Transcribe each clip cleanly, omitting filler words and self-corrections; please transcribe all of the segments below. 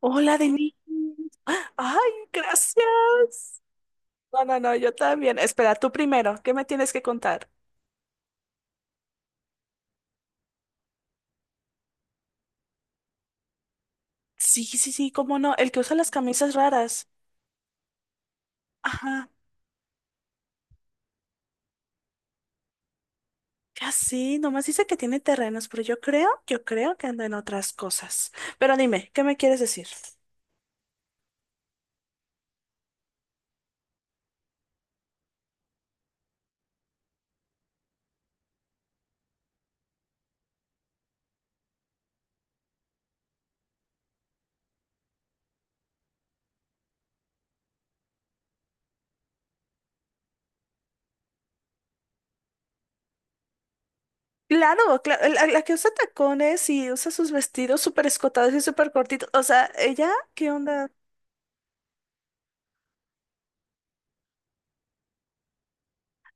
Hola, Denise. Ay, gracias. No, no, no, yo también. Espera, tú primero, ¿qué me tienes que contar? Sí, sí, sí, cómo no, el que usa las camisas raras. Ajá, ya sí, nomás dice que tiene terrenos, pero yo creo que anda en otras cosas. Pero dime, ¿qué me quieres decir? Claro, claro, la que usa tacones y usa sus vestidos súper escotados y súper cortitos. O sea, ¿ella qué onda?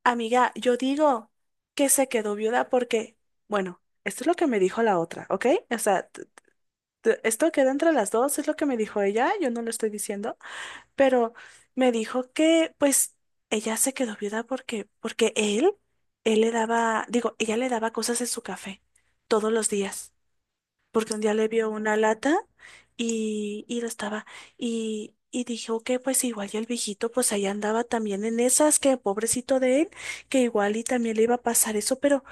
Amiga, yo digo que se quedó viuda porque, bueno, esto es lo que me dijo la otra, ¿ok? O sea, esto queda entre las dos, es lo que me dijo ella, yo no lo estoy diciendo, pero me dijo que, pues, ella se quedó viuda porque él le daba, digo, ella le daba cosas en su café todos los días porque un día le vio una lata y lo estaba. Y dije, ok, pues igual y el viejito, pues ahí andaba también en esas, que pobrecito de él, que igual y también le iba a pasar eso,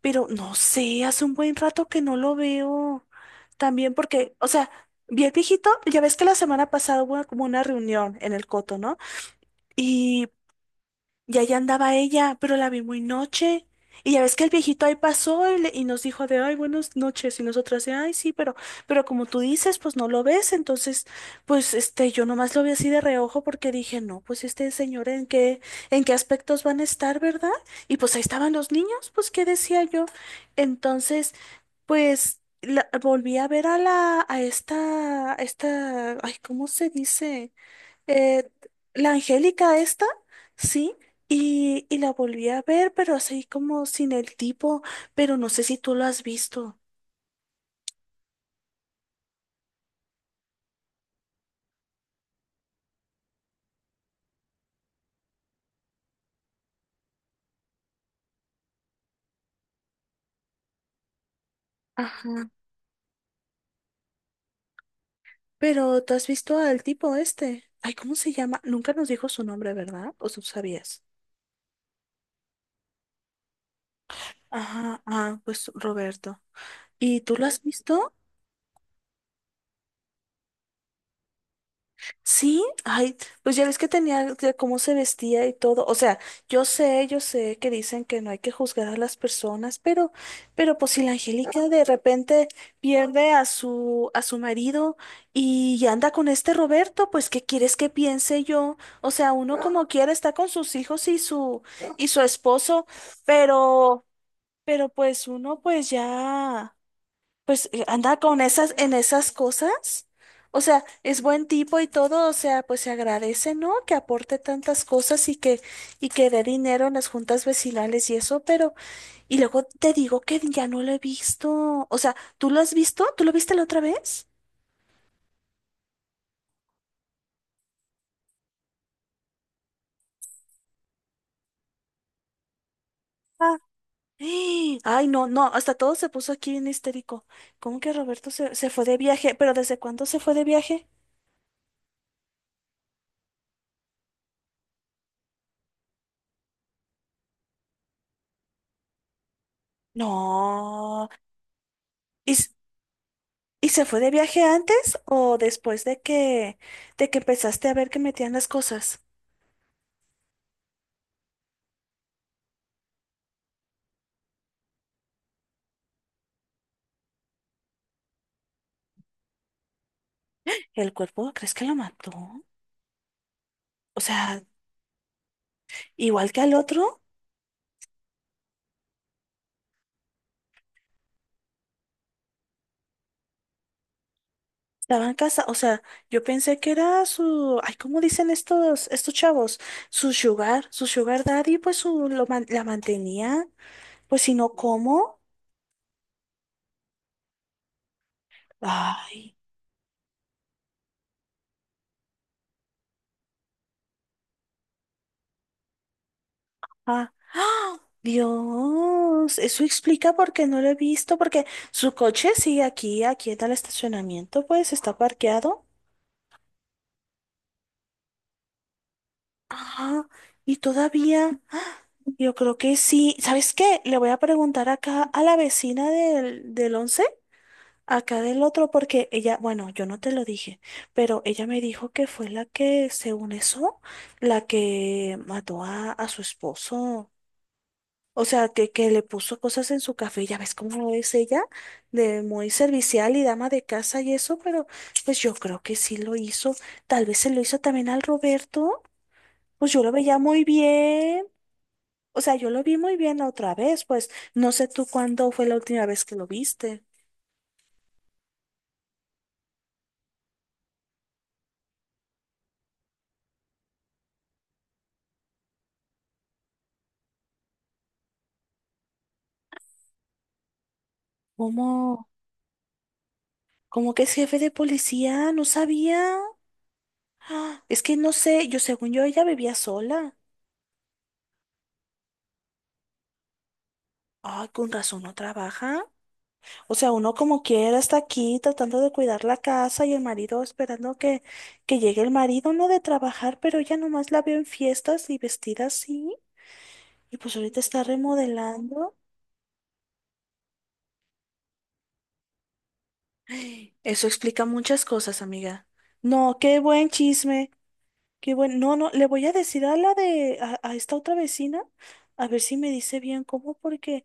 pero no sé, hace un buen rato que no lo veo. También porque, o sea, vi el viejito, ya ves que la semana pasada hubo como una reunión en el Coto, ¿no? y y allá andaba ella, pero la vi muy noche. Y ya ves que el viejito ahí pasó y, y nos dijo de, ay, buenas noches. Y nosotras de, ay, sí, pero como tú dices, pues no lo ves. Entonces, pues este, yo nomás lo vi así de reojo porque dije, no, pues este señor, en qué aspectos van a estar, verdad? Y pues ahí estaban los niños, pues, ¿qué decía yo? Entonces, pues volví a ver a la, a esta, ay, ¿cómo se dice? Eh, la Angélica esta, sí, y la volví a ver, pero así como sin el tipo, pero no sé si tú lo has visto. Ajá. Pero tú has visto al tipo este. Ay, ¿cómo se llama? Nunca nos dijo su nombre, ¿verdad? ¿O tú sabías? Ajá, ah, pues Roberto. ¿Y tú lo has visto? Sí, ay, pues ya ves que tenía de cómo se vestía y todo. O sea, yo sé que dicen que no hay que juzgar a las personas, pero pues si la Angélica de repente pierde a su marido y anda con este Roberto, pues ¿qué quieres que piense yo? O sea, uno como quiera está con sus hijos y y su esposo, pero, pero pues uno pues ya. Pues anda con esas, en esas cosas. O sea, es buen tipo y todo, o sea, pues se agradece, ¿no? Que aporte tantas cosas y que dé dinero en las juntas vecinales y eso, pero, y luego te digo que ya no lo he visto. O sea, ¿tú lo has visto? ¿Tú lo viste la otra vez? Ah, ¡Eh! Ay, no, no, hasta todo se puso aquí bien histérico. ¿Cómo que Roberto se fue de viaje? ¿Pero desde cuándo se fue de viaje? No. ¿Y, ¿Y se fue de viaje antes o después de de que empezaste a ver que metían las cosas? ¿El cuerpo crees que lo mató? O sea, igual que al otro, estaba en casa. O sea, yo pensé que era su, ay, ¿cómo dicen estos chavos? Su sugar daddy, pues su, la mantenía. Pues si no, ¿cómo? Ay, ah, ¡ah! Dios, eso explica por qué no lo he visto, porque su coche sigue aquí, aquí en el estacionamiento, pues está parqueado. Ah, y todavía, ¡ah! Yo creo que sí. ¿Sabes qué? Le voy a preguntar acá a la vecina del 11 acá del otro, porque ella, bueno, yo no te lo dije, pero ella me dijo que fue la que, según eso, la que mató a su esposo. O sea, que le puso cosas en su café. Ya ves cómo es ella, de muy servicial y dama de casa y eso, pero pues yo creo que sí lo hizo. Tal vez se lo hizo también al Roberto. Pues yo lo veía muy bien. O sea, yo lo vi muy bien la otra vez, pues no sé tú cuándo fue la última vez que lo viste. ¿Cómo? ¿Cómo que es jefe de policía? No sabía. Ah, es que no sé, yo según yo ella vivía sola. Ay, con razón no trabaja. O sea, uno como quiera está aquí tratando de cuidar la casa y el marido esperando que llegue el marido, no de trabajar, pero ella nomás la veo en fiestas y vestida así. Y pues ahorita está remodelando. Eso explica muchas cosas, amiga. No, qué buen chisme, qué buen. No, no, le voy a decir a la de, a esta otra vecina, a ver si me dice bien cómo, porque,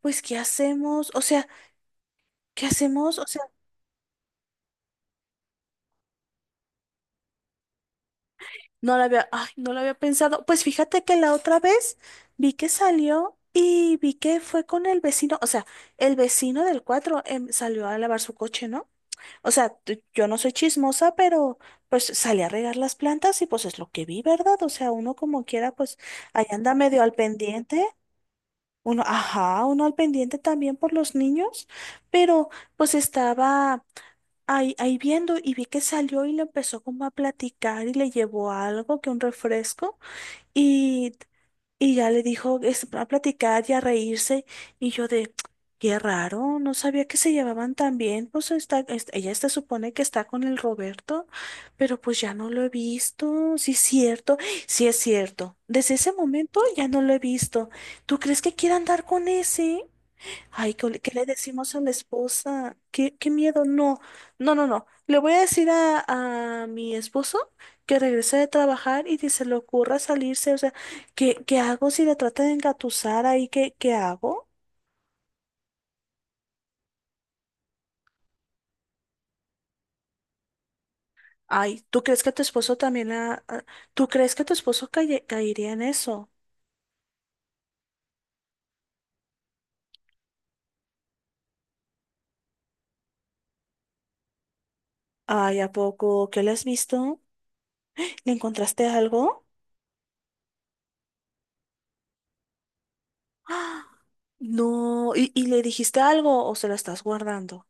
pues, ¿qué hacemos? O sea, ¿qué hacemos? O sea, no la había, ay, no la había pensado. Pues fíjate que la otra vez vi que salió y vi que fue con el vecino, o sea, el vecino del 4 salió a lavar su coche, ¿no? O sea, yo no soy chismosa, pero pues salí a regar las plantas y pues es lo que vi, ¿verdad? O sea, uno como quiera, pues ahí anda medio al pendiente. Uno, ajá, uno al pendiente también por los niños, pero pues estaba ahí, ahí viendo y vi que salió y le empezó como a platicar y le llevó algo, que un refresco. y y ya le dijo es, a platicar y a reírse. Y yo de, qué raro, no sabía que se llevaban tan bien. Pues está, ella se supone que está con el Roberto, pero pues ya no lo he visto. Sí es cierto. Desde ese momento ya no lo he visto. ¿Tú crees que quiera andar con ese? Ay, le qué le decimos a la esposa? ¿Qué, qué miedo? No, no, no, no. Le voy a decir a mi esposo que regrese de trabajar y que se le ocurra salirse. O sea, ¿qué, qué hago si le trata de engatusar ahí? ¿Qué, qué hago? Ay, ¿tú crees que tu esposo también ¿tú crees que tu esposo caería en eso? Ay, ¿a poco? ¿Qué le has visto? ¿Le encontraste algo? ¡Ah! No, ¿y le dijiste algo o se lo estás guardando?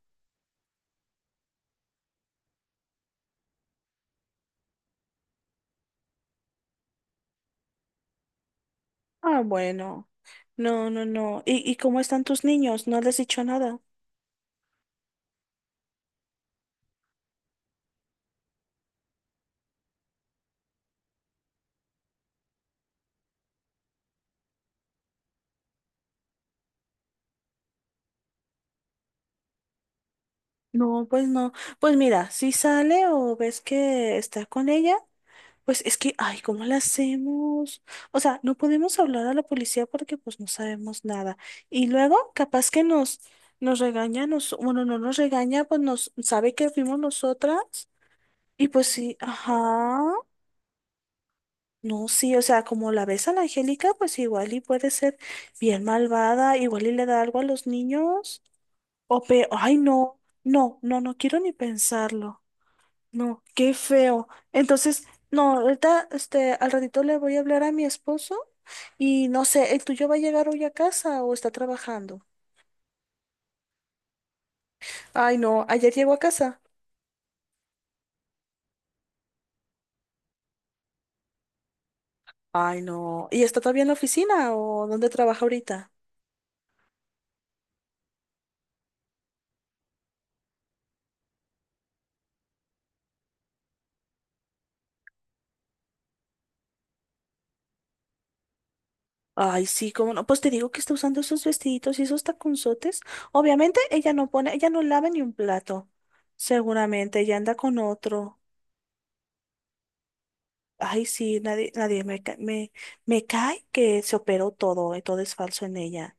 Ah, bueno. No, no, no. ¿Y cómo están tus niños? ¿No les has dicho nada? No, pues no. Pues mira, si sale o ves que está con ella, pues es que, ay, ¿cómo la hacemos? O sea, no podemos hablar a la policía porque pues no sabemos nada. Y luego, capaz que nos, nos regaña, nos, bueno, no nos regaña, pues nos sabe que fuimos nosotras. Y pues sí, ajá. No, sí, o sea, como la ves a la Angélica, pues igual y puede ser bien malvada, igual y le da algo a los niños. O pe, ay, no, no, no, no quiero ni pensarlo. No, qué feo. Entonces, no, ahorita, este, al ratito le voy a hablar a mi esposo y no sé, ¿el tuyo va a llegar hoy a casa o está trabajando? Ay, no, ayer llegó a casa. Ay, no, ¿y está todavía en la oficina o dónde trabaja ahorita? Ay, sí, cómo no. Pues te digo que está usando esos vestiditos y esos taconzotes. Obviamente ella no pone, ella no lava ni un plato. Seguramente ella anda con otro. Ay, sí, nadie, me, me cae que se operó todo y todo es falso en ella.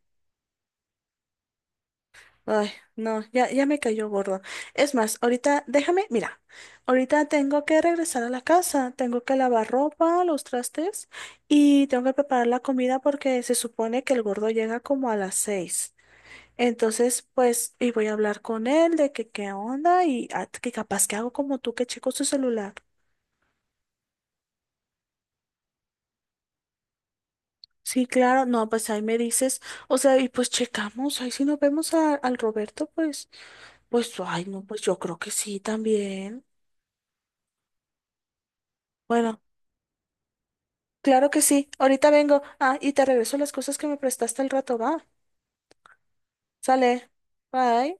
Ay, no, ya, ya me cayó gordo. Es más, ahorita déjame, mira, ahorita tengo que regresar a la casa, tengo que lavar ropa, los trastes y tengo que preparar la comida porque se supone que el gordo llega como a las 6. Entonces, pues, y voy a hablar con él de que qué onda y ah, que capaz que hago como tú que checo su celular. Sí, claro, no, pues ahí me dices, o sea, y pues checamos, ahí si nos vemos al Roberto, pues, pues, ay, no, pues yo creo que sí también. Bueno, claro que sí, ahorita vengo, ah, y te regreso las cosas que me prestaste al rato, va, sale, bye.